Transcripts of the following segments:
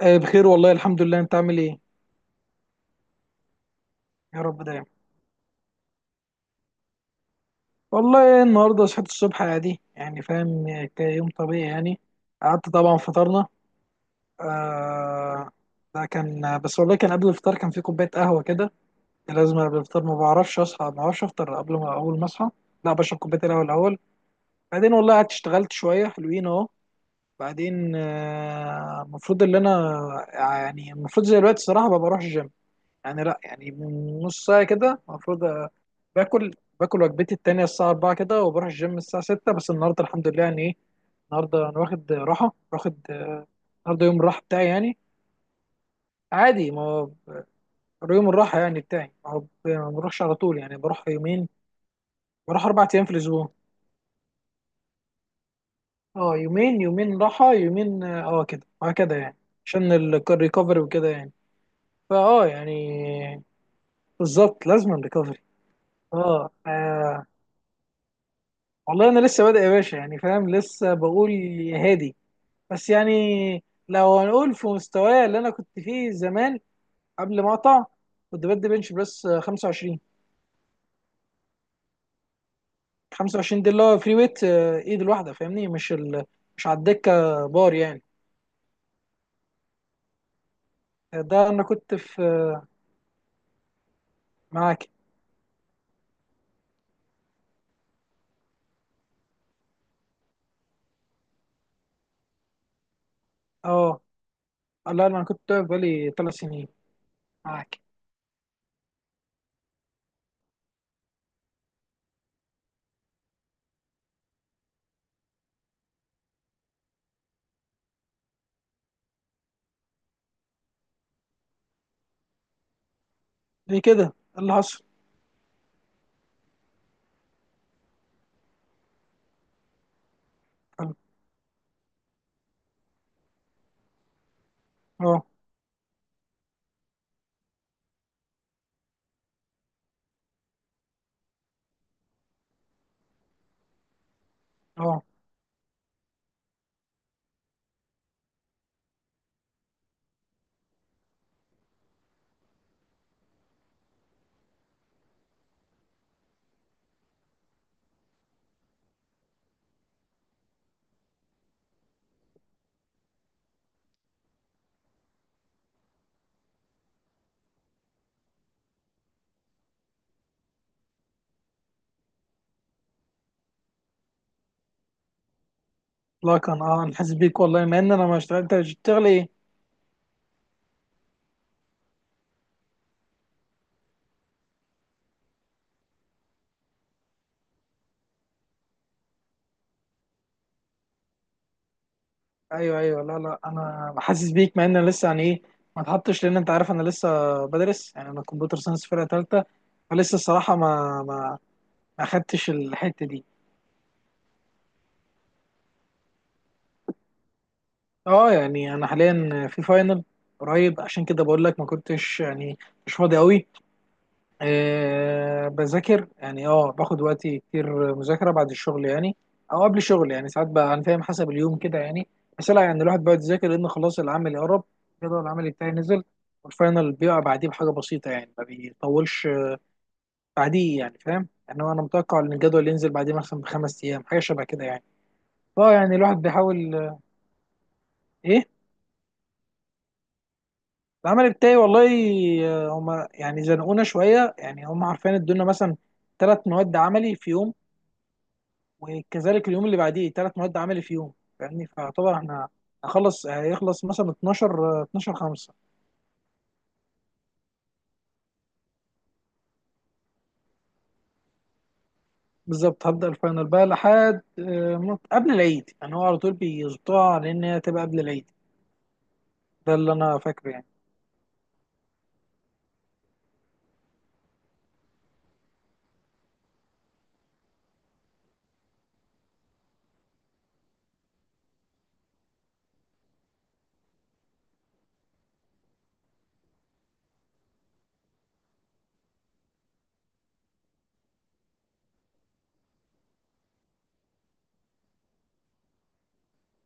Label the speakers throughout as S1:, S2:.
S1: آه، بخير والله الحمد لله انت عامل ايه؟ يا رب دايما. والله النهارده صحيت الصبح عادي يعني فاهم، كيوم طبيعي يعني. قعدت طبعا فطرنا. آه ده كان بس والله، كان قبل الفطار كان في كوبايه قهوه كده. لازم قبل الفطار، ما بعرفش اصحى ما بعرفش افطر قبل ما اول ما اصحى، لا بشرب كوبايه القهوه الاول. بعدين والله قعدت اشتغلت شويه حلوين اهو. بعدين المفروض ان انا يعني المفروض زي الوقت الصراحه ما بروحش الجيم، يعني لا يعني من نص ساعه كده المفروض باكل. باكل وجبتي التانية الساعة 4 كده وبروح الجيم الساعة 6، بس النهاردة الحمد لله يعني ايه، النهاردة أنا واخد راحة واخد. النهاردة يوم الراحة بتاعي يعني. عادي، ما هو يوم الراحة يعني بتاعي، ما هو ما بروحش على طول، يعني بروح يومين. بروح أربع أيام في الأسبوع. اه، يومين يومين راحة يومين، اه كده وهكذا يعني. عشان الريكفري وكده يعني. فاه يعني، بالظبط لازم ريكفري. اه آه، والله أنا لسه بادئ يا باشا يعني فاهم، لسه بقول يا هادي. بس يعني لو هنقول في مستواي اللي انا كنت فيه زمان قبل ما اقطع، كنت بدي بنش بريس 25. 25 دي اللي هو فري ويت، ايد الواحده فاهمني، مش مش على الدكه، بار يعني. ده انا كنت في، معاك. اه، لا انا كنت واقف بقالي ثلاث سنين معاك. ليه كده، إيه اللي حصل؟ اه اه لا، كان اه نحس بيك والله مع ان انا ما اشتغلت، انت بتشتغل ايه؟ ايوه ايوه، لا لا انا حاسس بيك مع ان انا لسه يعني ايه، ما اتحطش لان انت عارف انا لسه بدرس يعني، انا كمبيوتر ساينس فرقه ثالثه. فلسه الصراحه ما خدتش الحته دي. اه، يعني انا حاليا في فاينل قريب، عشان كده بقول لك ما كنتش يعني مش فاضي قوي. أه بذاكر يعني، اه باخد وقتي كتير مذاكرة بعد الشغل يعني، او قبل الشغل يعني ساعات بقى، انا فاهم حسب اليوم كده يعني. بس لا يعني الواحد بيقعد يذاكر لان خلاص العمل يقرب. الجدول العملي بتاعي نزل، والفاينل بيقع بعديه بحاجة بسيطة يعني، ما بيطولش بعديه يعني فاهم، يعني هو انا متوقع ان الجدول ينزل بعديه مثلا بخمس ايام حاجة شبه كده يعني. فاه يعني الواحد بيحاول ايه. العمل بتاعي والله هما يعني زنقونا شوية يعني، هما عارفين ادونا مثلا ثلاث مواد عملي في يوم، وكذلك اليوم اللي بعديه ثلاث مواد عملي في يوم. فاهمني، فيعتبر احنا هخلص هيخلص مثلا 12 12 5. بالظبط هبدأ الفاينل بقى لحد قبل العيد يعني، هو على طول بيظبطوها لان هي تبقى قبل العيد. ده اللي انا فاكره يعني.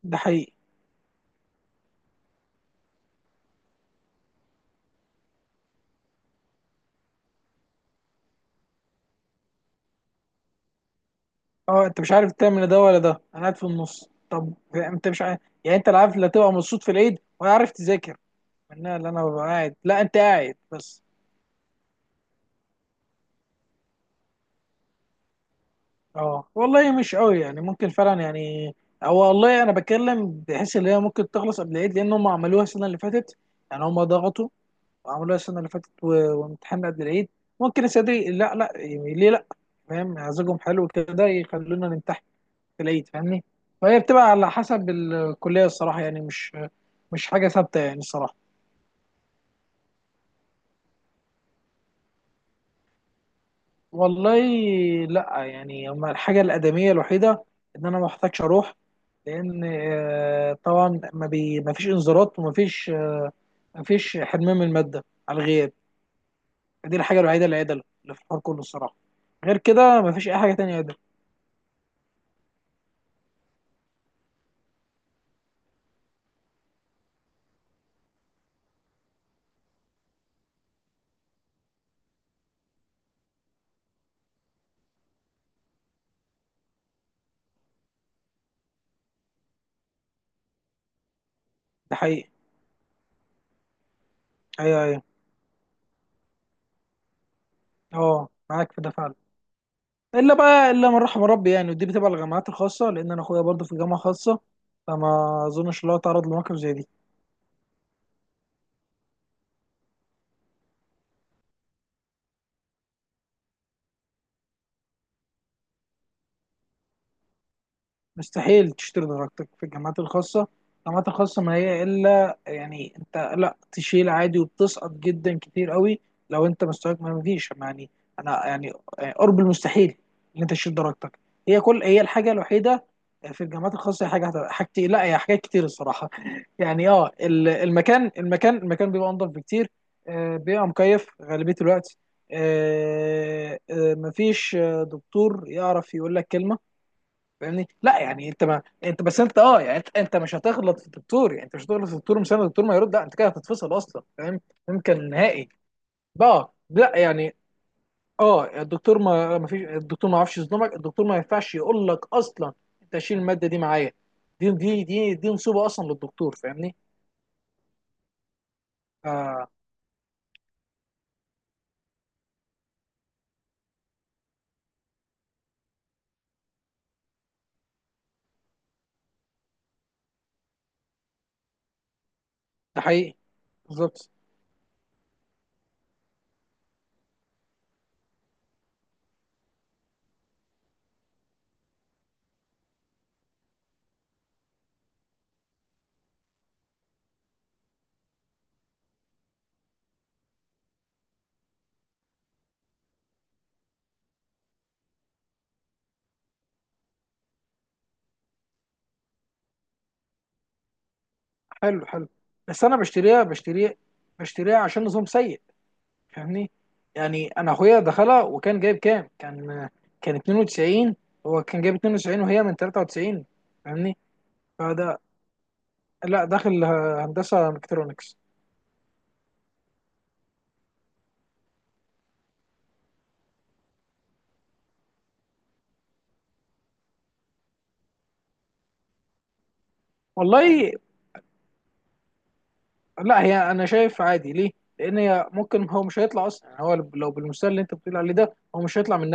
S1: ده حقيقي. اه انت مش عارف تعمل ده ولا ده، انا قاعد في النص. طب انت مش عارف يعني، انت لا عارف لا تبقى مبسوط في العيد ولا عارف تذاكر، منها اللي انا ببقى قاعد، لا انت قاعد بس. اه والله مش قوي يعني، ممكن فعلا يعني. هو والله انا بتكلم بحيث ان هي ممكن تخلص قبل العيد لان هم عملوها السنه اللي فاتت، يعني هم ضغطوا وعملوها السنه اللي فاتت و- وامتحان قبل العيد ممكن السنه. لا لا يعني ليه لا، فاهم مزاجهم حلو كده يخلونا نمتحن في العيد فاهمني. فهي بتبقى على حسب الكليه الصراحه، يعني مش مش حاجه ثابته يعني الصراحه. والله لا يعني، هما الحاجة الآدمية الوحيدة إن أنا ما محتاجش أروح، لأن طبعا ما فيش إنذارات وما فيش، ما فيش حرمان من المادة على الغياب. دي الحاجة الوحيدة اللي عدل اللي في الحوار كله الصراحة، غير كده ما فيش أي حاجة تانية عدل. ده حقيقي. أيوه أيوه. أه معاك في ده فعلا. إلا بقى إلا من رحم ربي يعني، ودي بتبقى الجامعات الخاصة، لأن أنا أخويا برضه في جامعة خاصة، فما أظنش إن هو تعرض لمواقف زي دي. مستحيل تشتري درجتك في الجامعات الخاصة. الجامعات الخاصة، ما هي إلا يعني أنت لا تشيل عادي، وبتسقط جدا كتير قوي لو أنت مستواك ما فيش يعني. أنا يعني قرب المستحيل إن أنت تشيل درجتك. هي كل هي الحاجة الوحيدة في الجامعات الخاصة، هي حاجتي، لا هي حاجات كتير الصراحة يعني، اه المكان بيبقى أنضف بكتير. بيبقى مكيف غالبية الوقت. مفيش دكتور يعرف يقول لك كلمة. فاهمني، لا يعني انت، ما انت بس انت اه يعني انت مش هتغلط في الدكتور، يعني انت مش هتغلط في الدكتور، مش الدكتور ما يرد، لا انت كده هتتفصل اصلا فاهم. يمكن نهائي بقى لا يعني. اه الدكتور ما فيش، الدكتور ما يعرفش يظلمك، الدكتور ما ينفعش يقول لك اصلا انت شيل الماده دي معايا. دي نصيبه اصلا للدكتور فاهمني. آه ده حقيقي. بالظبط. حلو حلو. بس انا بشتريها عشان نظام سيء فاهمني. يعني انا اخويا دخلها وكان جايب كام، كان كان 92، هو كان جايب 92 وهي من 93 فاهمني. فده، لا داخل هندسه ميكاترونكس. والله لا، هي انا شايف عادي ليه، لان هي ممكن هو مش هيطلع اصلا يعني، هو لو بالمستوى اللي انت بتقول عليه ده، هو مش هيطلع من،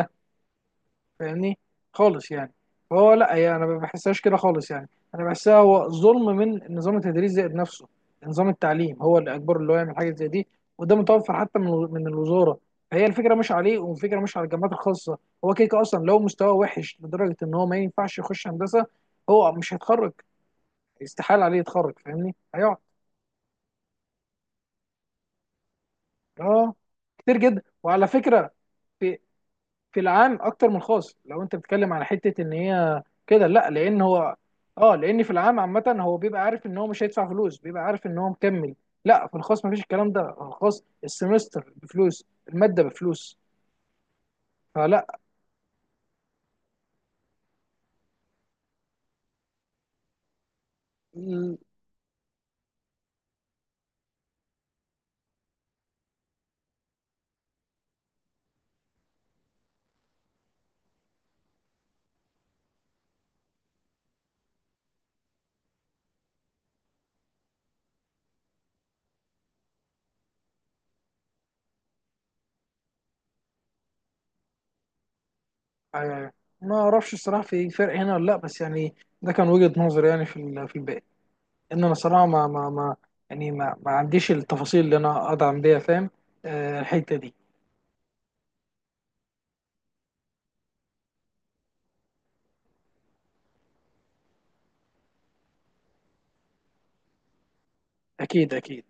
S1: فاهمني، خالص يعني. فهو لا، هي انا ما بحسهاش كده خالص يعني. انا بحسها هو ظلم من نظام التدريس زائد نفسه. نظام التعليم هو اللي اجبره اللي هو يعمل حاجه زي دي، وده متوفر حتى من الوزاره. فهي الفكره مش عليه، والفكره مش على الجامعات الخاصه. هو كيك اصلا، لو مستواه وحش لدرجه ان هو ما ينفعش يخش هندسه، هو مش هيتخرج. استحاله عليه يتخرج فاهمني، هيقعد. اه كتير جدا. وعلى فكره في العام اكتر من الخاص، لو انت بتتكلم على حته ان هي كده لا، لان هو اه، لان في العام عامه هو بيبقى عارف ان هو مش هيدفع فلوس، بيبقى عارف ان هو مكمل. لا في الخاص مفيش الكلام ده، في الخاص السمستر بفلوس، الماده بفلوس. فلا ال- آه، ما اعرفش الصراحه في فرق هنا ولا لا، بس يعني ده كان وجهه نظري يعني في في الباقي. ان انا صراحه ما يعني ما عنديش التفاصيل اللي انا ادعم بيها فاهم، الحته دي. اكيد اكيد.